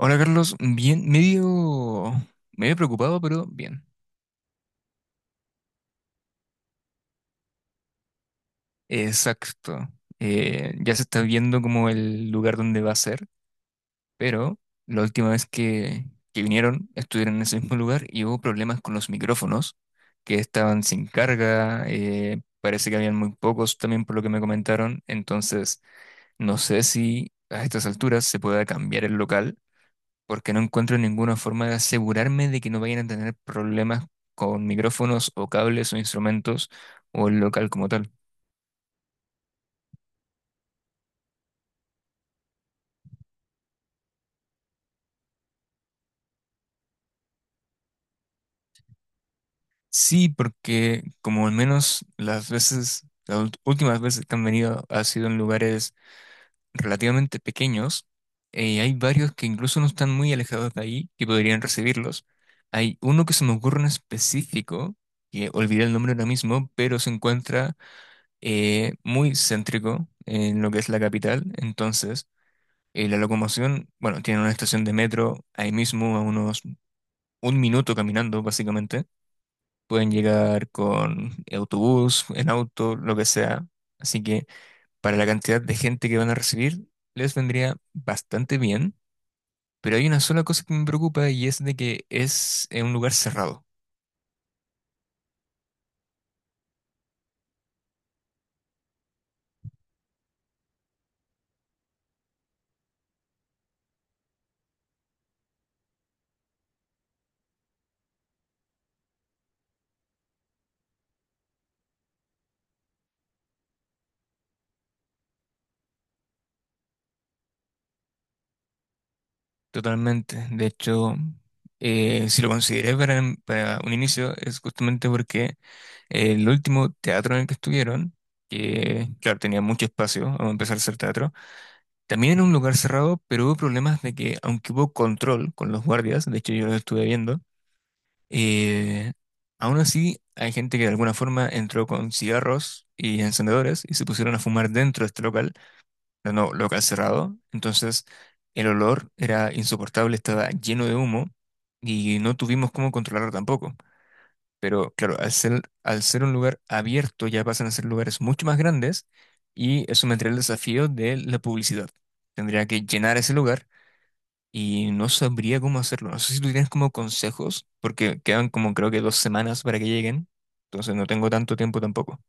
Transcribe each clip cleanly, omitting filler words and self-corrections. Hola Carlos, bien, medio preocupado, pero bien. Exacto. Ya se está viendo como el lugar donde va a ser, pero la última vez que vinieron estuvieron en ese mismo lugar y hubo problemas con los micrófonos, que estaban sin carga. Parece que habían muy pocos también por lo que me comentaron, entonces no sé si a estas alturas se pueda cambiar el local porque no encuentro ninguna forma de asegurarme de que no vayan a tener problemas con micrófonos o cables o instrumentos o el local como tal. Sí, porque como al menos las veces, las ult- últimas veces que han venido ha sido en lugares relativamente pequeños. Hay varios que incluso no están muy alejados de ahí que podrían recibirlos. Hay uno que se me ocurre en específico, que olvidé el nombre ahora mismo, pero se encuentra muy céntrico en lo que es la capital. Entonces y la locomoción, bueno, tienen una estación de metro ahí mismo, a unos un minuto caminando, básicamente. Pueden llegar con autobús, en auto, lo que sea. Así que para la cantidad de gente que van a recibir, les vendría bastante bien. Pero hay una sola cosa que me preocupa y es de que es un lugar cerrado. Totalmente. De hecho, si lo consideré para un inicio, es justamente porque el último teatro en el que estuvieron, que claro, tenía mucho espacio a empezar a hacer teatro, también era un lugar cerrado, pero hubo problemas de que, aunque hubo control con los guardias, de hecho yo lo estuve viendo, eh, aún así hay gente que de alguna forma entró con cigarros y encendedores y se pusieron a fumar dentro de este local, pero no local cerrado, entonces el olor era insoportable, estaba lleno de humo y no tuvimos cómo controlarlo tampoco. Pero claro, al ser un lugar abierto ya pasan a ser lugares mucho más grandes y eso me entraría el desafío de la publicidad. Tendría que llenar ese lugar y no sabría cómo hacerlo. No sé si tú tienes como consejos, porque quedan como creo que 2 semanas para que lleguen, entonces no tengo tanto tiempo tampoco.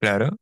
Claro,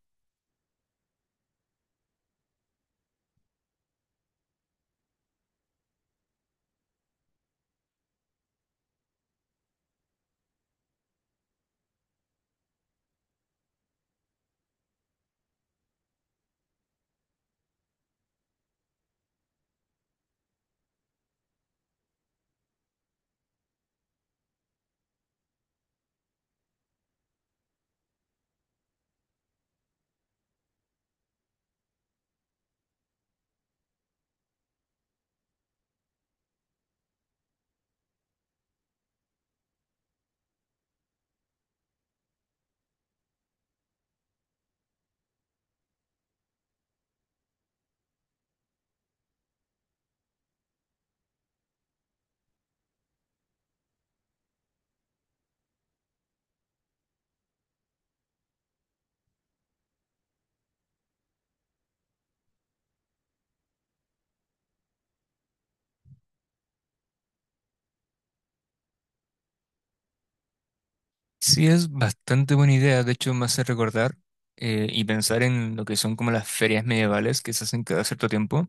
sí es bastante buena idea, de hecho me hace recordar y pensar en lo que son como las ferias medievales que se hacen cada cierto tiempo.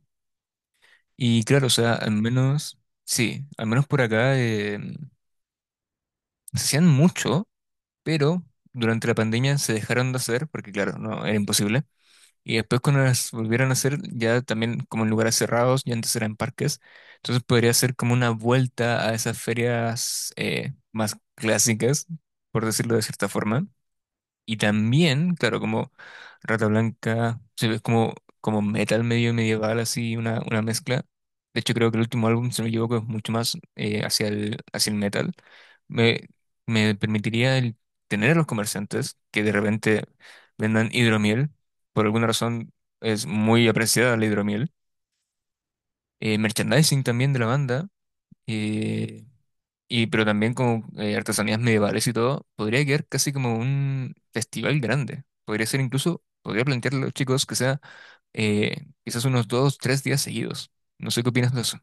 Y claro, o sea, al menos, sí, al menos por acá. No se hacían mucho, pero durante la pandemia se dejaron de hacer, porque claro, no, era imposible. Y después cuando las volvieron a hacer, ya también como en lugares cerrados, ya antes eran parques, entonces podría ser como una vuelta a esas ferias más clásicas, por decirlo de cierta forma. Y también, claro, como Rata Blanca, se ve como metal medio medieval, así, una mezcla. De hecho, creo que el último álbum, si no me equivoco, es mucho más hacia el metal. Me, me permitiría el tener a los comerciantes que de repente vendan hidromiel. Por alguna razón es muy apreciada la hidromiel. Merchandising también de la banda. eh, pero también con artesanías medievales y todo, podría quedar casi como un festival grande. Podría ser incluso, podría plantearle a los chicos que sea eh, quizás unos dos, tres días seguidos. No sé qué opinas de eso.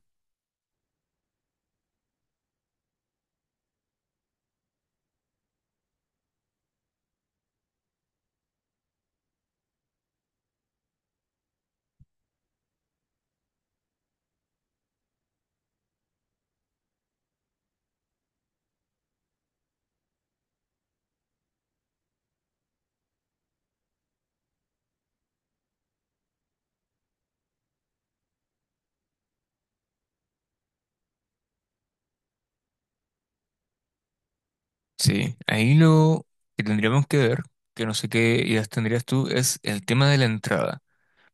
Sí, ahí lo que tendríamos que ver, que no sé qué ideas tendrías tú, es el tema de la entrada.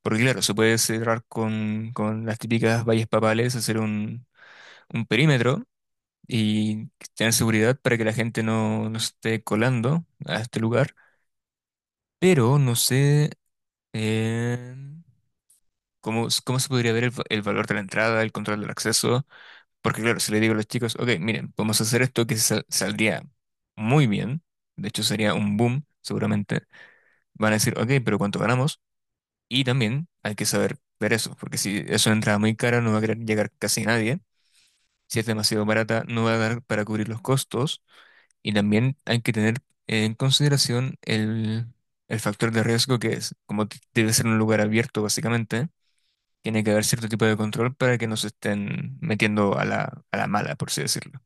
Porque claro, se puede cerrar con las típicas vallas papales, hacer un perímetro y tener seguridad para que la gente no se esté colando a este lugar. Pero no sé en cómo se podría ver el valor de la entrada, el control del acceso. Porque claro, si le digo a los chicos, ok, miren, podemos hacer esto que saldría muy bien, de hecho sería un boom, seguramente, van a decir, ok, pero ¿cuánto ganamos? Y también hay que saber ver eso, porque si es una entrada muy cara, no va a querer llegar casi nadie. Si es demasiado barata, no va a dar para cubrir los costos. Y también hay que tener en consideración el factor de riesgo que es, debe ser un lugar abierto, básicamente. Tiene que haber cierto tipo de control para que no se estén metiendo a la mala, por así decirlo.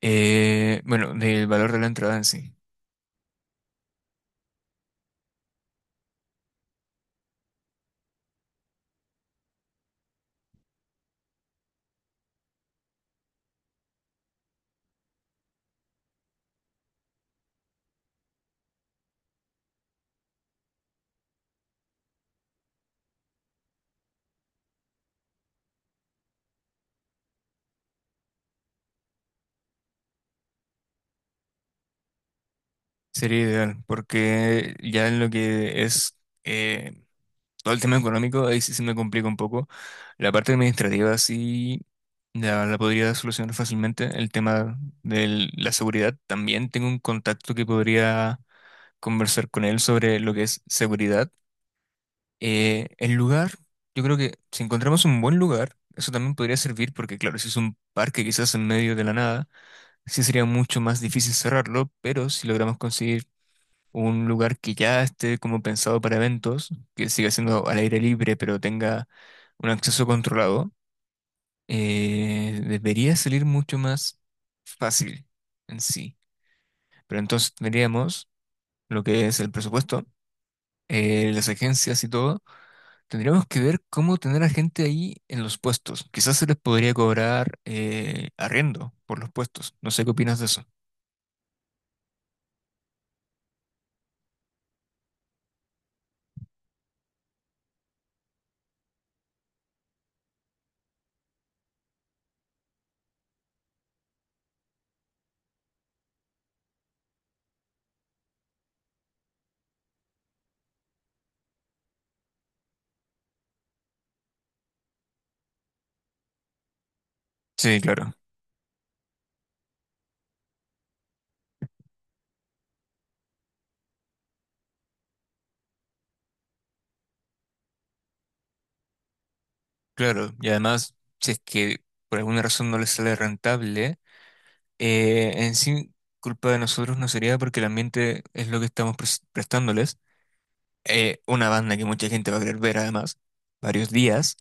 Bueno, del valor de la entrada en sí. Sería ideal, porque ya en lo que es eh, todo el tema económico, ahí sí se me complica un poco. La parte administrativa sí la podría solucionar fácilmente. El tema de la seguridad, también tengo un contacto que podría conversar con él sobre lo que es seguridad. El lugar, yo creo que si encontramos un buen lugar, eso también podría servir porque, claro, si es un parque quizás en medio de la nada, sí sería mucho más difícil cerrarlo, pero si logramos conseguir un lugar que ya esté como pensado para eventos, que siga siendo al aire libre, pero tenga un acceso controlado, debería salir mucho más fácil en sí. Pero entonces tendríamos lo que es el presupuesto, las agencias y todo. Tendríamos que ver cómo tener a gente ahí en los puestos. Quizás se les podría cobrar arriendo por los puestos. No sé qué opinas de eso. Sí, claro, claro. Y además, si es que por alguna razón no les sale rentable, en sí, culpa de nosotros no sería porque el ambiente es lo que estamos prestándoles. Una banda que mucha gente va a querer ver, además, varios días.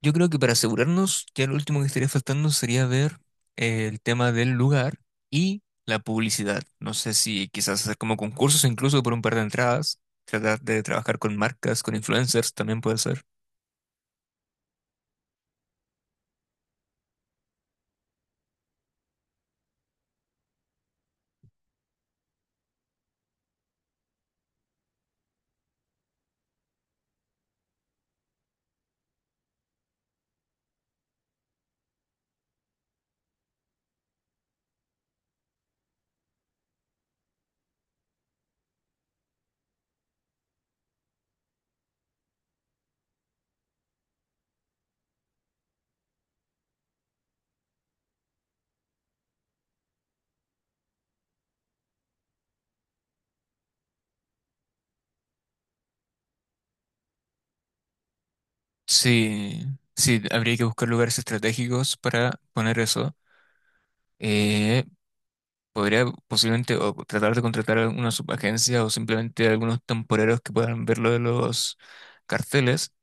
Yo creo que para asegurarnos, ya lo último que estaría faltando sería ver el tema del lugar y la publicidad. No sé si quizás hacer como concursos, incluso por un par de entradas, tratar de trabajar con marcas, con influencers también puede ser. Sí, sí, habría que buscar lugares estratégicos para poner eso. Eh, Podría posiblemente o tratar de contratar alguna subagencia o simplemente algunos temporeros que puedan ver lo de los carteles.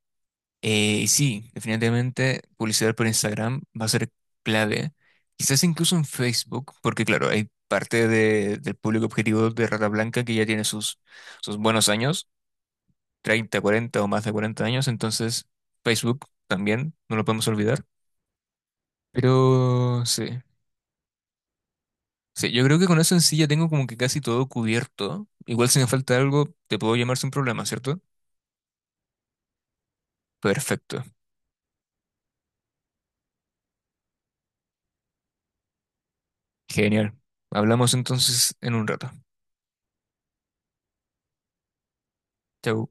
Y sí, definitivamente publicidad por Instagram va a ser clave, quizás incluso en Facebook, porque claro, hay parte de- del público objetivo de Rata Blanca que ya tiene sus buenos años, 30, 40 o más de 40 años, entonces Facebook también, no lo podemos olvidar. Pero sí, sí, yo creo que con eso en sí ya tengo como que casi todo cubierto. Igual si me falta algo, te puedo llamar sin problema, ¿cierto? Perfecto, genial. Hablamos entonces en un rato. Chau.